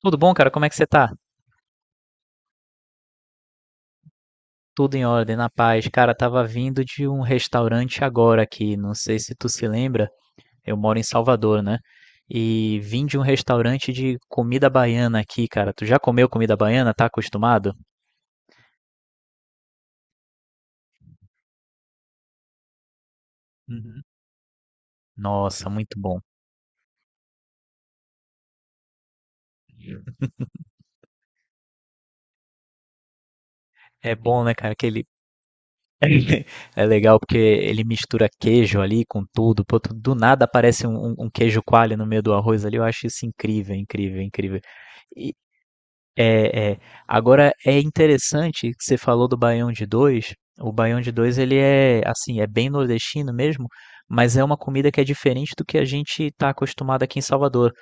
Tudo bom, cara? Como é que você tá? Tudo em ordem, na paz. Cara, tava vindo de um restaurante agora aqui, não sei se tu se lembra, eu moro em Salvador, né? E vim de um restaurante de comida baiana aqui, cara. Tu já comeu comida baiana? Tá acostumado? Uhum. Nossa, muito bom. É bom, né, cara? Aquele. É legal porque ele mistura queijo ali com tudo. Pô, do nada aparece um queijo coalho no meio do arroz ali. Eu acho isso incrível, incrível, incrível. É, é. Agora é interessante que você falou do Baião de Dois. O Baião de Dois ele é assim, é bem nordestino mesmo, mas é uma comida que é diferente do que a gente está acostumado aqui em Salvador,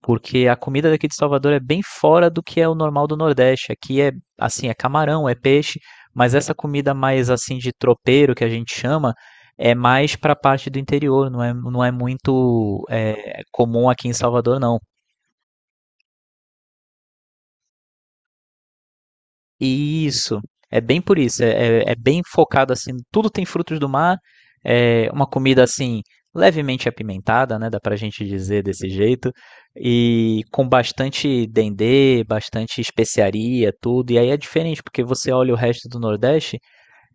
porque a comida daqui de Salvador é bem fora do que é o normal do Nordeste. Aqui é assim, é camarão, é peixe, mas essa comida mais assim de tropeiro que a gente chama é mais para a parte do interior, não é muito é, comum aqui em Salvador, não. Isso, é bem por isso, é bem focado assim, tudo tem frutos do mar, é uma comida assim levemente apimentada, né, dá pra gente dizer desse jeito, e com bastante dendê, bastante especiaria, tudo, e aí é diferente porque você olha o resto do Nordeste,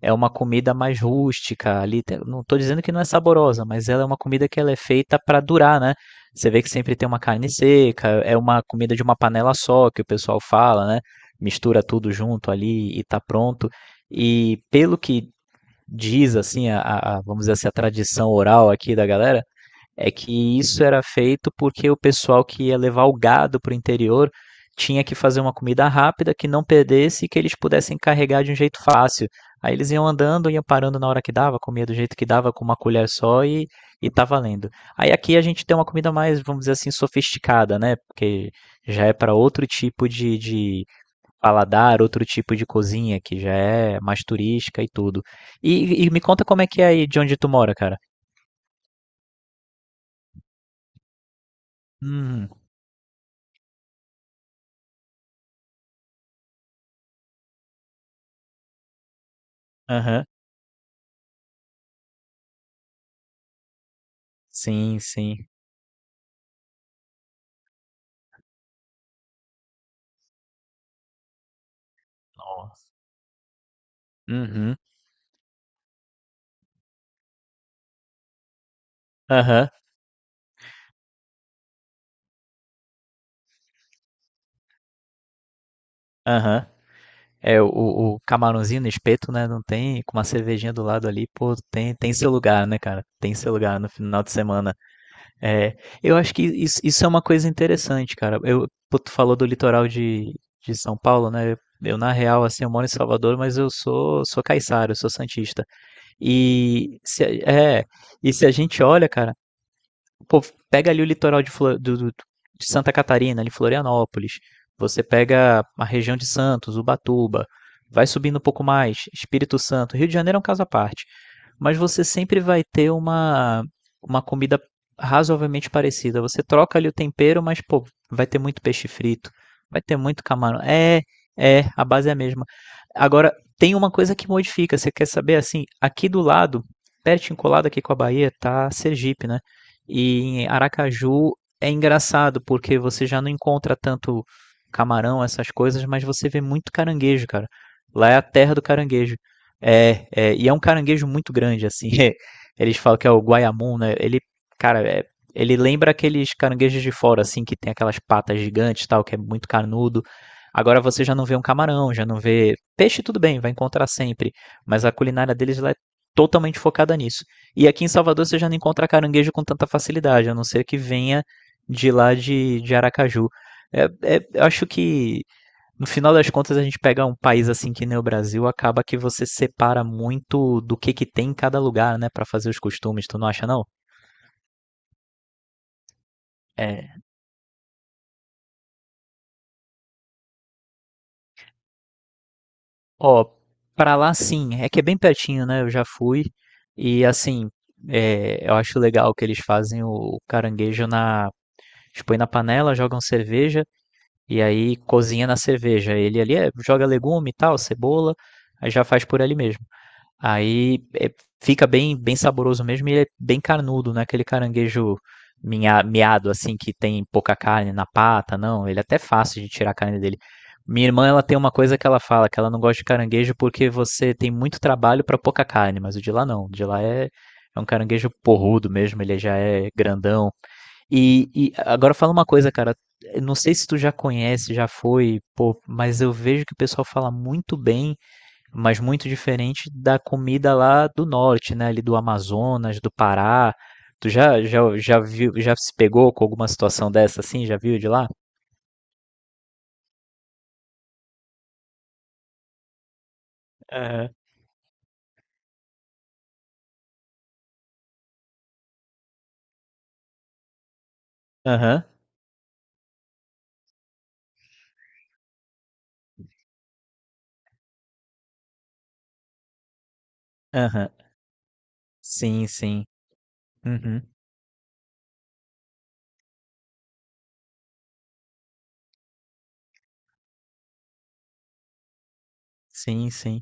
é uma comida mais rústica ali. Não estou dizendo que não é saborosa, mas ela é uma comida que ela é feita para durar, né? Você vê que sempre tem uma carne seca, é uma comida de uma panela só que o pessoal fala, né? Mistura tudo junto ali e tá pronto. E pelo que diz assim vamos dizer assim, a tradição oral aqui da galera, é que isso era feito porque o pessoal que ia levar o gado para o interior tinha que fazer uma comida rápida que não perdesse e que eles pudessem carregar de um jeito fácil. Aí eles iam andando, iam parando na hora que dava, comia do jeito que dava, com uma colher só e tá valendo. Aí aqui a gente tem uma comida mais, vamos dizer assim, sofisticada, né? Porque já é para outro tipo de paladar, outro tipo de cozinha, que já é mais turística e tudo. E me conta como é que é aí de onde tu mora, cara. Hum, aham. Sim, sim. Nossa. Uhum. Aham, aham. É, o camarãozinho no espeto, né? Não tem, com uma cervejinha do lado ali, pô, tem, tem seu lugar, né, cara? Tem seu lugar no final de semana. É, eu acho que isso é uma coisa interessante, cara. Eu, pô, tu falou do litoral de São Paulo, né? Eu, na real, assim, eu moro em Salvador, mas eu sou caiçara, eu sou santista. E se, a- é, e se a gente olha, cara. Pô, pega ali o litoral de Santa Catarina, ali Florianópolis. Você pega a região de Santos, Ubatuba. Vai subindo um pouco mais, Espírito Santo. Rio de Janeiro é um caso à parte. Mas você sempre vai ter uma comida razoavelmente parecida. Você troca ali o tempero, mas, pô, vai ter muito peixe frito. Vai ter muito camarão. É, é, a base é a mesma. Agora, tem uma coisa que modifica. Você quer saber assim? Aqui do lado, pertinho colado aqui com a Bahia, tá Sergipe, né? E em Aracaju é engraçado, porque você já não encontra tanto camarão, essas coisas, mas você vê muito caranguejo, cara. Lá é a terra do caranguejo. É, é, e é um caranguejo muito grande, assim. É, Eles falam que é o Guayamum, né? Cara, é, ele lembra aqueles caranguejos de fora, assim, que tem aquelas patas gigantes, e tal, que é muito carnudo. Agora você já não vê um camarão, já não vê peixe, tudo bem, vai encontrar sempre, mas a culinária deles lá é totalmente focada nisso. E aqui em Salvador você já não encontra caranguejo com tanta facilidade, a não ser que venha de lá de Aracaju. É, é, eu acho que no final das contas a gente pega um país assim que nem o Brasil, acaba que você separa muito do que tem em cada lugar, né, Pra fazer os costumes, tu não acha não? É. Ó, pra lá sim, é que é bem pertinho, né? Eu já fui e assim, é, eu acho legal que eles fazem o caranguejo na, eles põem na panela, jogam cerveja E aí cozinha na cerveja. Ele ali é, joga legume e tal, cebola, aí já faz por ali mesmo. Aí é, fica bem, bem saboroso mesmo e ele é bem carnudo, não é aquele caranguejo miado assim que tem pouca carne na pata, não. Ele é até fácil de tirar a carne dele. Minha irmã, ela tem uma coisa que ela fala, que ela não gosta de caranguejo porque você tem muito trabalho pra pouca carne, mas o de lá não. O de lá é um caranguejo porrudo mesmo, ele já é grandão, e agora fala uma coisa, cara. Eu Não sei se tu já conhece, já foi, pô, mas eu vejo que o pessoal fala muito bem, mas muito diferente da comida lá do norte, né? Ali do Amazonas, do Pará. Tu já viu, já se pegou com alguma situação dessa assim? Já viu de lá? Aham, aham, aham. Sim, sim. Uhum. Sim, sim.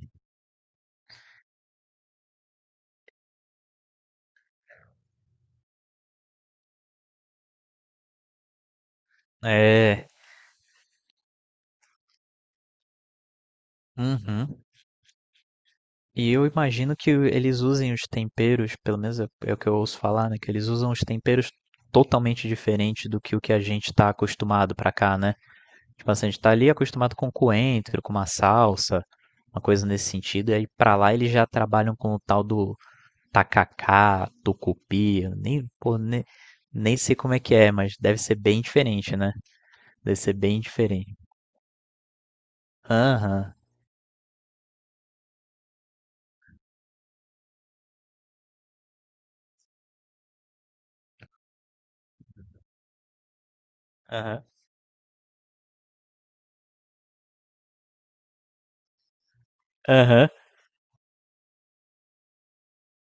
É. Uhum. E eu imagino que eles usem os temperos, pelo menos é é o que eu ouço falar, né? Que eles usam os temperos totalmente diferente do que o que a gente está acostumado pra cá, né? Tipo assim, a gente tá ali acostumado com coentro, com uma salsa, uma coisa nesse sentido, e aí pra lá eles já trabalham com o tal do tacacá, tucupi, eu nem, pô, nem, nem sei como é que é, mas deve ser bem diferente, né? Deve ser bem diferente. Aham, aham, aham.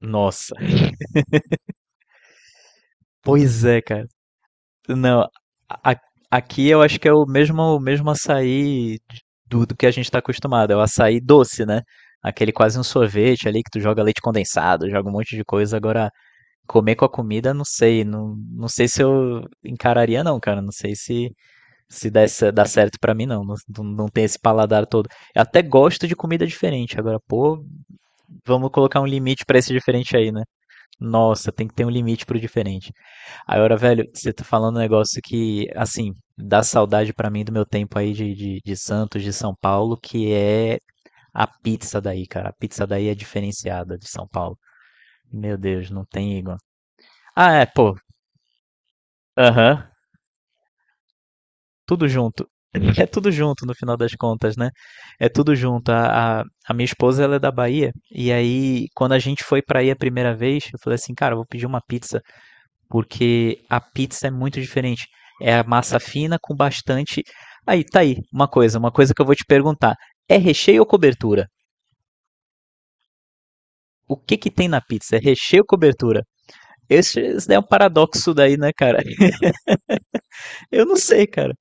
Nossa. Pois é, cara. Não, a- aqui eu acho que é o mesmo açaí do que a gente está acostumado, é o açaí doce, né? Aquele quase um sorvete ali que tu joga leite condensado, joga um monte de coisa. Agora, comer com a comida, não sei, não, não sei se eu encararia não, cara, não sei se dá, dá certo pra mim não, não, não não tem esse paladar todo. Eu até gosto de comida diferente, agora, pô, vamos colocar um limite pra esse diferente aí, né? Nossa, tem que ter um limite pro diferente. Aí, ora, velho, você tá falando um negócio que, assim, dá saudade pra mim do meu tempo aí de Santos, de São Paulo, que é a pizza daí, cara. A pizza daí é diferenciada de São Paulo. Meu Deus, não tem igual. Ah, é, pô, aham, tudo junto. É tudo junto no final das contas, né? É tudo junto. A minha esposa, ela é da Bahia, e aí, quando a gente foi pra aí a primeira vez, eu falei assim, cara, eu vou pedir uma pizza. Porque a pizza é muito diferente. É a massa fina com bastante. Aí, tá aí, uma coisa que eu vou te perguntar. É recheio ou cobertura? O que que tem na pizza? É recheio ou cobertura? Esse é um paradoxo daí, né, cara? Eu não sei, cara.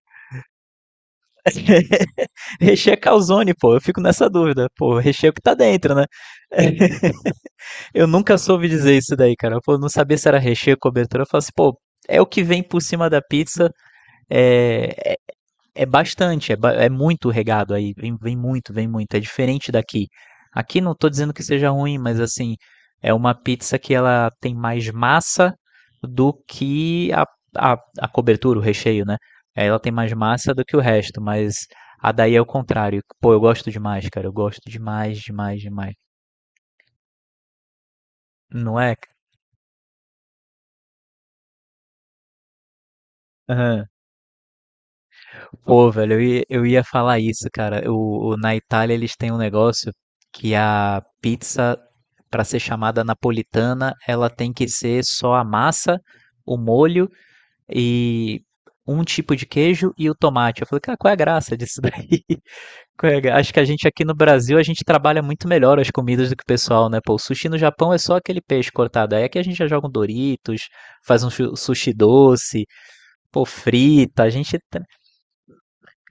recheio é calzone, pô. Eu fico nessa dúvida. Pô, recheio que tá dentro, né? eu nunca soube dizer isso daí, cara. Eu não sabia se era recheio ou cobertura. Eu falo assim, pô, é o que vem por cima da pizza. É, É bastante, é muito regado aí, vem, vem muito, é diferente daqui. Aqui não tô dizendo que seja ruim, mas assim, é uma pizza que ela tem mais massa do que a cobertura, o recheio, né? Ela tem mais massa do que o resto, mas a daí é o contrário. Pô, eu gosto demais, cara, eu gosto demais, demais, demais. Não é? Pô, velho, eu ia falar isso, cara. Na Itália eles têm um negócio que a pizza, pra ser chamada napolitana, ela tem que ser só a massa, o molho e um tipo de queijo e o tomate. Eu falei, cara, qual é a graça disso daí? Qual é a gra- Acho que a gente aqui no Brasil, a gente trabalha muito melhor as comidas do que o pessoal, né? Pô, o sushi no Japão é só aquele peixe cortado. Aí aqui a gente já joga um Doritos, faz um sushi doce, pô, frita. A gente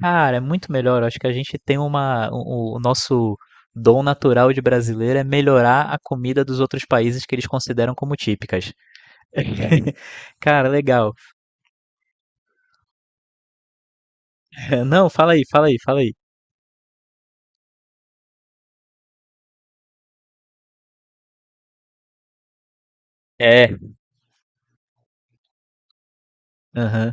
Cara, é muito melhor. Eu acho que a gente tem uma. O nosso dom natural de brasileiro é melhorar a comida dos outros países que eles consideram como típicas. Cara, legal. Não, fala aí, fala aí, fala aí. É. Aham.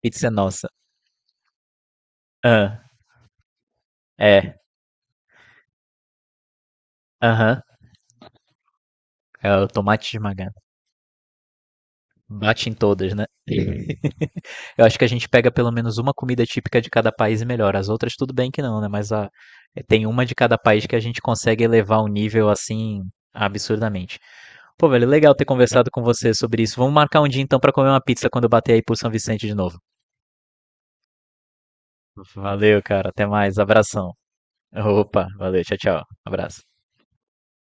Pizza é nossa. Ah, é. Aham. É o tomate esmagado. Bate em todas, né? Eu acho que a gente pega pelo menos uma comida típica de cada país e melhora. As outras tudo bem que não, né? Mas a, tem uma de cada país que a gente consegue elevar o nível assim absurdamente. Pô, velho, legal ter conversado com você sobre isso. Vamos marcar um dia então pra comer uma pizza quando eu bater aí por São Vicente de novo. Valeu, cara. Até mais. Abração. Opa, valeu. Tchau, tchau. Abraço.